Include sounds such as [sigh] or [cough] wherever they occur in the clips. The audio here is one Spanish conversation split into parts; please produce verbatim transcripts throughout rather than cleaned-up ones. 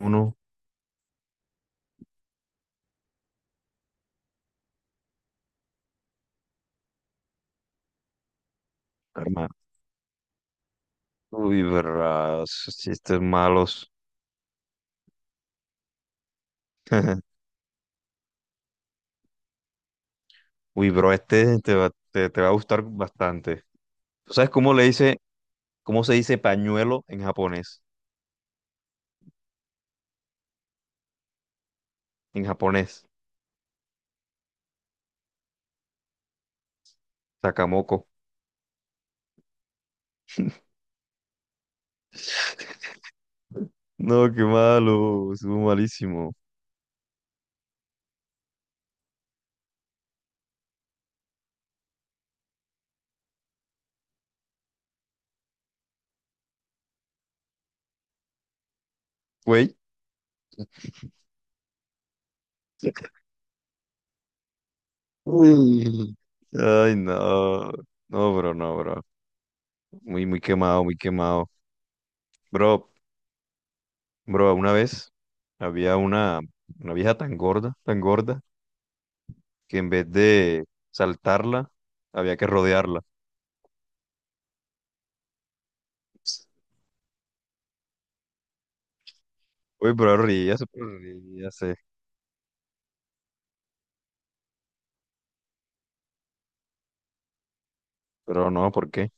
Uno, hermano. Uy, verdad, esos chistes malos. [laughs] Uy, bro, este te va, te, te va a gustar bastante. ¿Tú sabes cómo le dice, cómo se dice pañuelo en japonés? En japonés, sakamoko. No, qué malo, estuvo malísimo. Güey. Uy. Ay, no. No, bro, no, bro. Muy, muy quemado, muy quemado. Bro, bro, una vez había una, una vieja tan gorda, tan gorda, que en vez de saltarla, había que rodearla. Uy, pero ríase, pero ríase. Pero no, ¿por qué?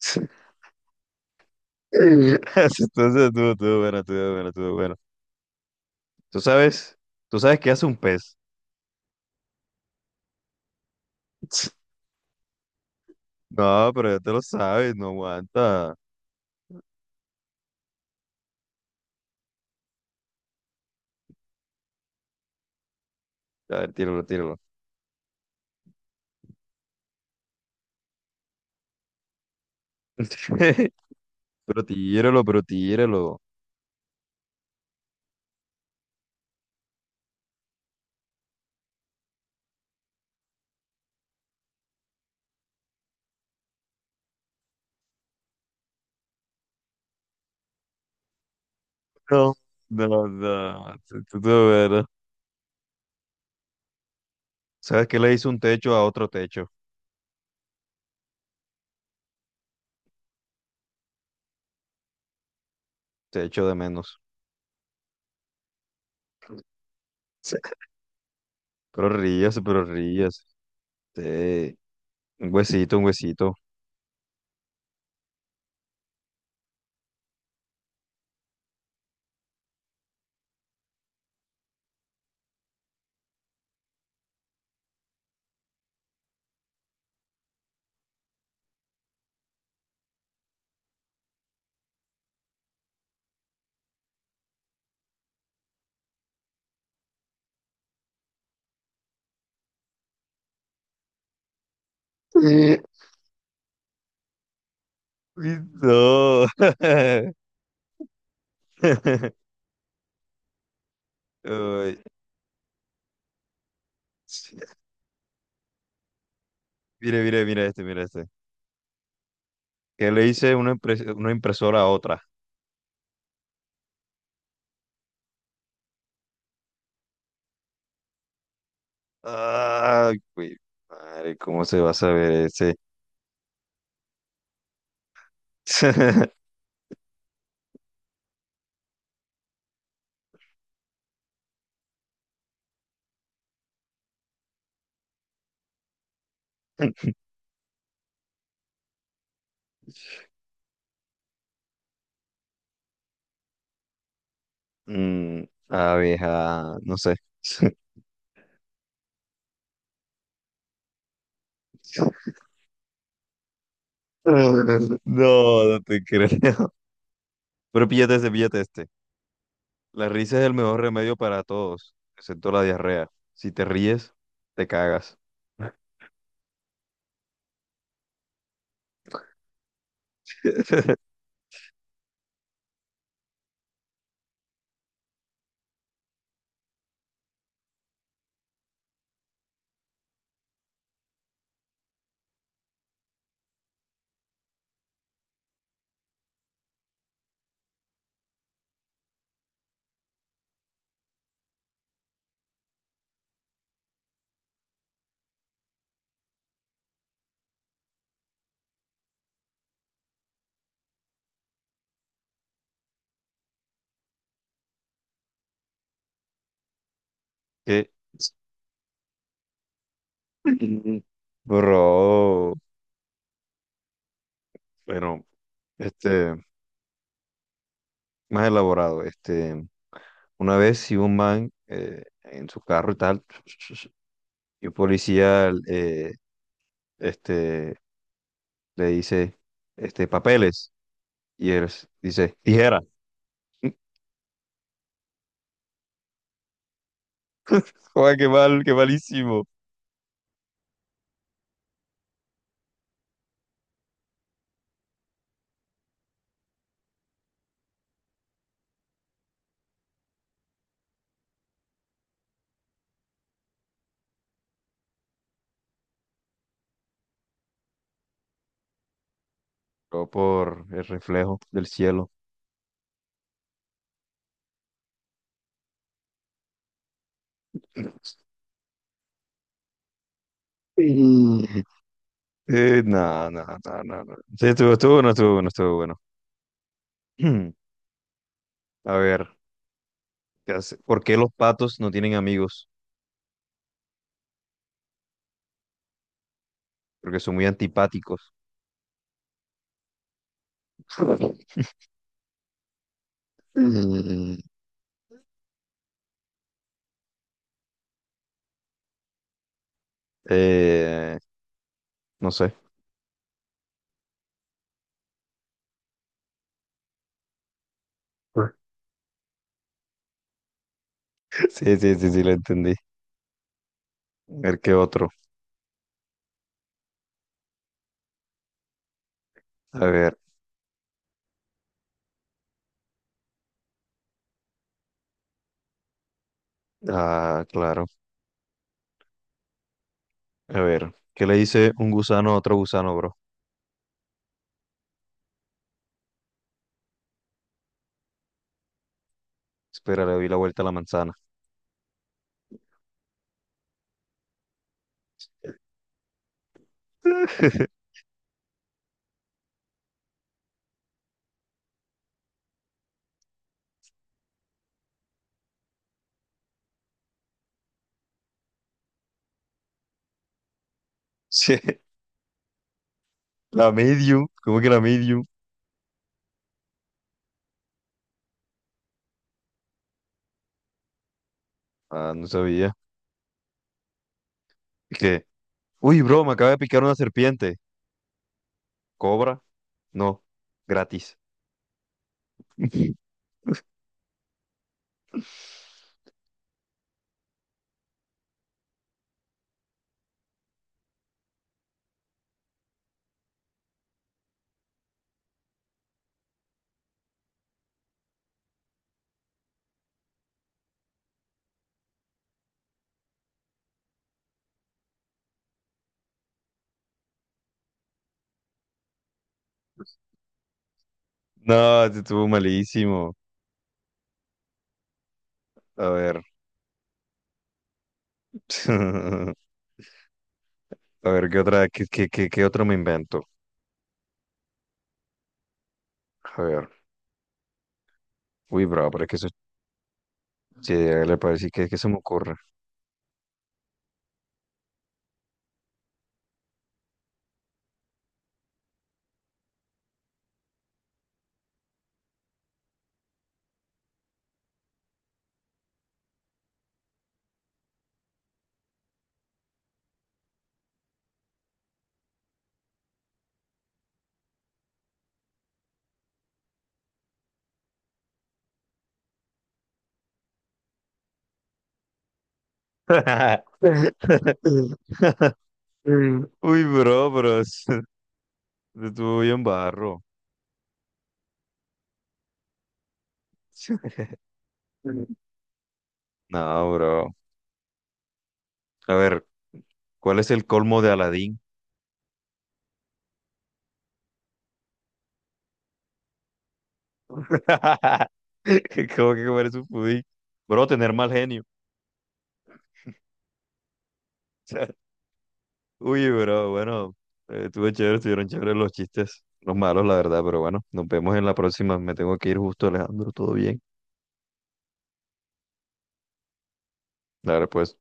[laughs] Entonces, estuvo, estuvo bueno, estuvo bueno, estuvo bueno. Tú sabes, tú sabes qué hace un pez. [laughs] No, pero ya te lo sabes, no aguanta. A ver, tíralo, tíralo. [laughs] Pero tíralo, pero tíralo. No, no, no. Estuvo bueno. ¿Sabes qué le hizo un techo a otro techo? Techo de menos. [laughs] Pero ríase, pero ríase. Sí, un huesito, un huesito. Eh, Uy, no. [laughs] Uy, sí. Mire, mire, mira este, mira este. ¿Qué le dice una, impres- una impresora a otra? Ay, güey, madre, ¿cómo se va a saber ese? [laughs] Mm, abeja, no sé. [laughs] No, no te creo. [laughs] Pero píllate este, píllate este. La risa es el mejor remedio para todos, excepto la diarrea. Si te ríes, te cagas. [laughs] Que- bro, bueno, este, más elaborado, este, una vez si un man eh, en su carro y tal, y un policía eh, este, le dice, este, papeles, y él s- dice, tijera. [laughs] Joder, qué mal, qué malísimo. Pero por el reflejo del cielo. [laughs] Mm. Eh, no, no, no, no, no. Sí, estuvo, estuvo, no estuvo, no estuvo bueno. [clears throat] A ver. ¿Qué hace? ¿Por qué los patos no tienen amigos? Porque son muy antipáticos. [laughs] Mm, eh, no sé. [laughs] Sí, sí, sí, sí, lo entendí. A ver, ¿qué otro? A ver, ah, claro. A ver, ¿qué le dice un gusano a otro gusano, bro? Espera, le doy la vuelta a la manzana. [laughs] Sí, la medium, ¿cómo que la medium? Ah, no sabía. ¿Qué? Uy, bro, me acaba de picar una serpiente. ¿Cobra? No, gratis. [laughs] No, este estuvo malísimo. A ver. [laughs] A ver, ¿qué otra, qué, qué, qué, qué otro me invento? A ver. Uy, bro, pero es que eso, sí, ¿le parece? Decir que, que se me ocurre. [laughs] Uy, bro, bro, es- [laughs] estuvo bien barro. [laughs] No, bro. A ver, ¿cuál es el colmo de Aladín? [laughs] ¿Cómo que comer su pudín? Bro, tener mal genio. [laughs] Uy, bro, bueno, eh, estuvo chévere, estuvieron chéveres los chistes, los malos, la verdad, pero bueno, nos vemos en la próxima. Me tengo que ir justo, Alejandro, todo bien. Dale, pues.